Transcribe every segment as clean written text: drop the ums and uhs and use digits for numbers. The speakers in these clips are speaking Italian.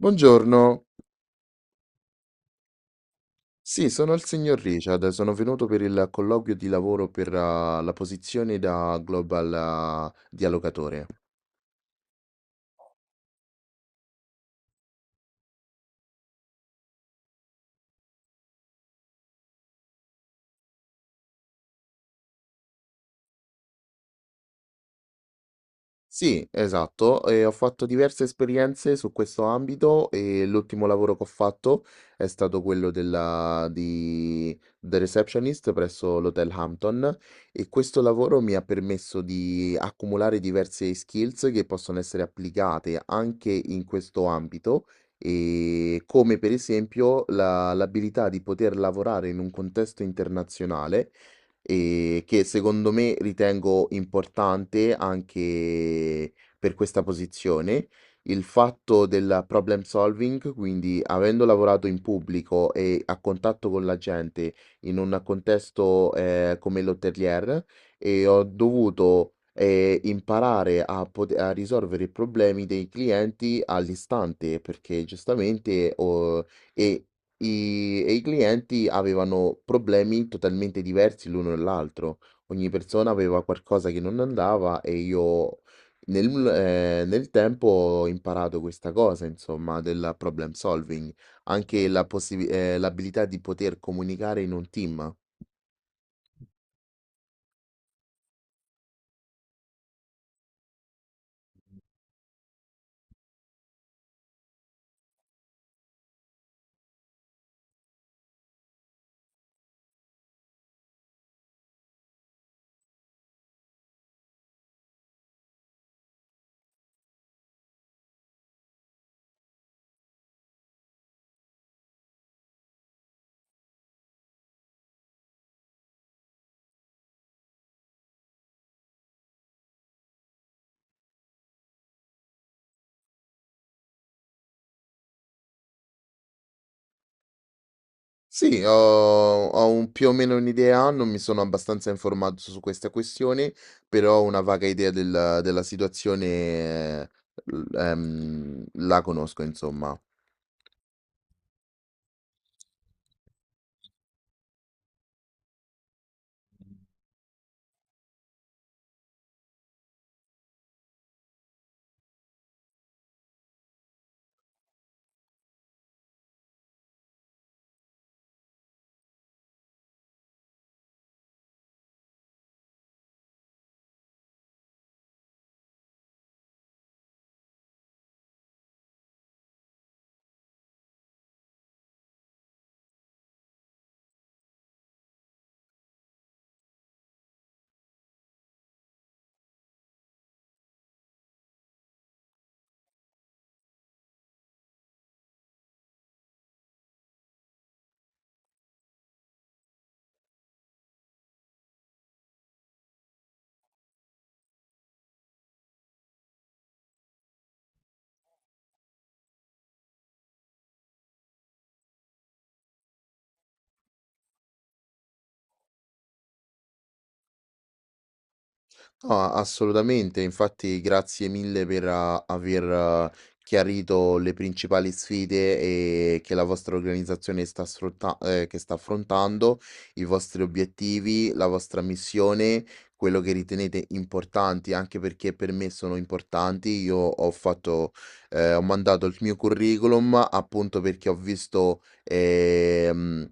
Buongiorno, sì, sono il signor Richard, sono venuto per il colloquio di lavoro per la posizione da Global Dialogatore. Sì, esatto, e ho fatto diverse esperienze su questo ambito e l'ultimo lavoro che ho fatto è stato quello di The Receptionist presso l'Hotel Hampton, e questo lavoro mi ha permesso di accumulare diverse skills che possono essere applicate anche in questo ambito, e come per esempio l'abilità di poter lavorare in un contesto internazionale e che secondo me ritengo importante anche per questa posizione. Il fatto del problem solving, quindi avendo lavorato in pubblico e a contatto con la gente in un contesto come l'hotelier, e ho dovuto imparare a, a risolvere i problemi dei clienti all'istante, perché giustamente oh, e e i clienti avevano problemi totalmente diversi l'uno dall'altro. Ogni persona aveva qualcosa che non andava e io nel tempo ho imparato questa cosa, insomma, del problem solving, anche la l'abilità di poter comunicare in un team. Sì, ho, ho più o meno un'idea, non mi sono abbastanza informato su questa questione, però ho una vaga idea della situazione, la conosco, insomma. No, assolutamente, infatti grazie mille per aver chiarito le principali sfide e che la vostra organizzazione sta, che sta affrontando, i vostri obiettivi, la vostra missione, quello che ritenete importanti, anche perché per me sono importanti. Io ho fatto, ho mandato il mio curriculum appunto perché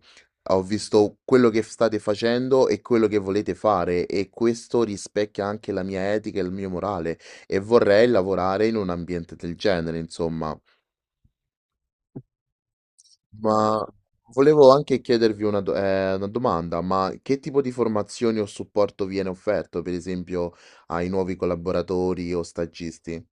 ho visto quello che state facendo e quello che volete fare, e questo rispecchia anche la mia etica e il mio morale e vorrei lavorare in un ambiente del genere, insomma. Ma volevo anche chiedervi una, una domanda, ma che tipo di formazioni o supporto viene offerto, per esempio, ai nuovi collaboratori o stagisti?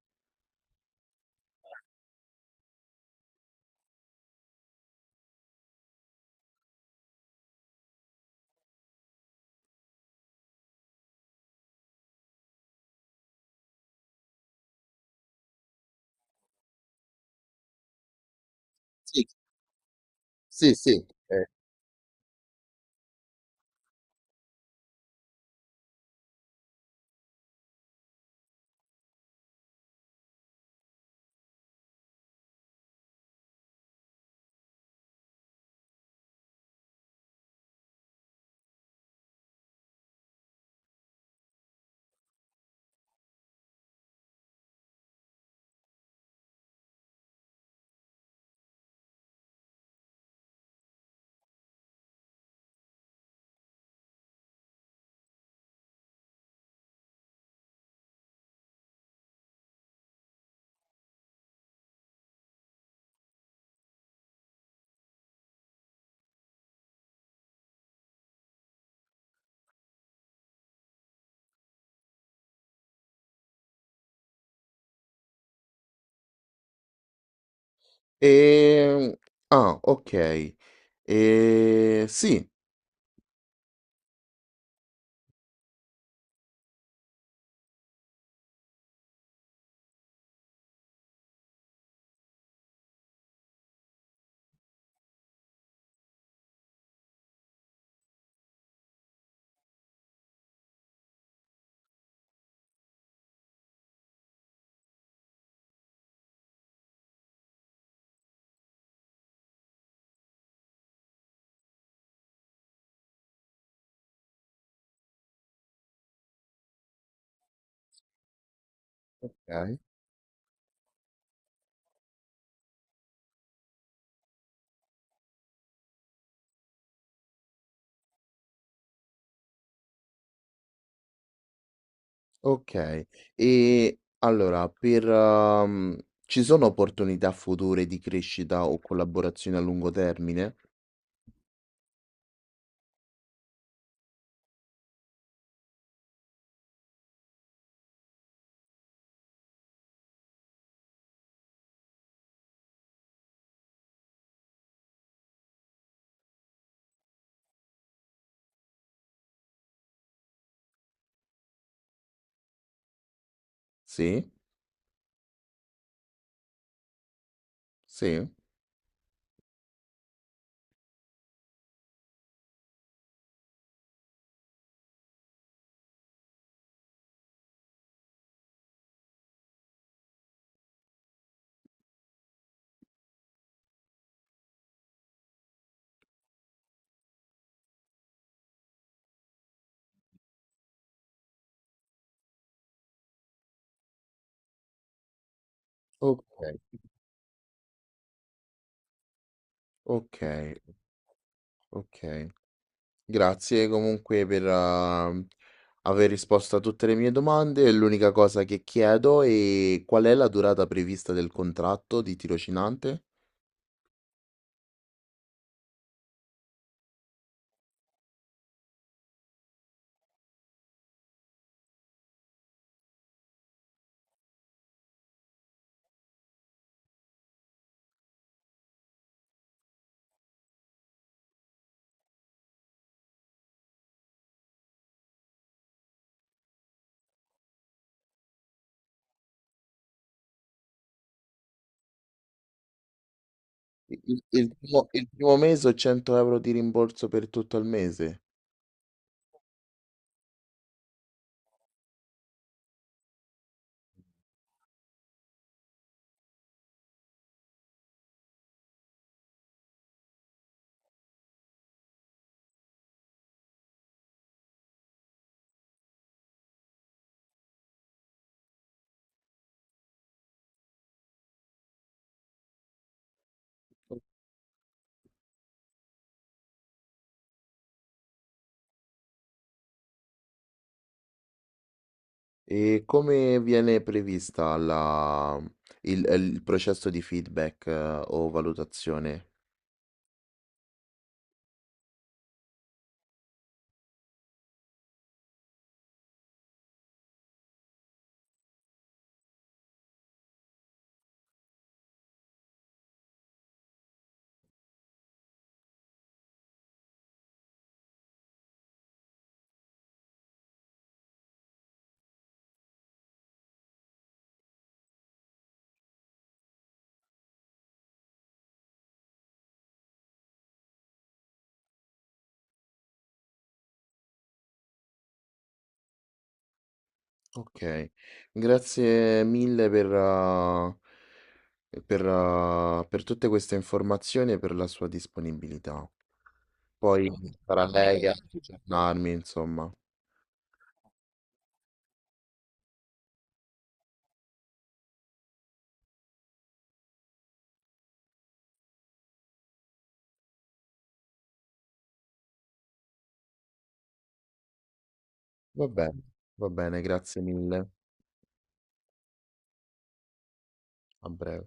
Sì, sì, sì. E... Ah, ok. E... Sì. Ok. Okay. E allora per ci sono opportunità future di crescita o collaborazioni a lungo termine? Sì? Sì? Okay, okay, okay. Grazie comunque per aver risposto a tutte le mie domande. L'unica cosa che chiedo è qual è la durata prevista del contratto di tirocinante? I il primo mese o 100 € di rimborso per tutto il mese? E come viene prevista la, il processo di feedback, o valutazione? Ok, grazie mille per tutte queste informazioni e per la sua disponibilità. Poi sarà lei a aggiornarmi, insomma. Va bene, va bene, grazie mille. A breve.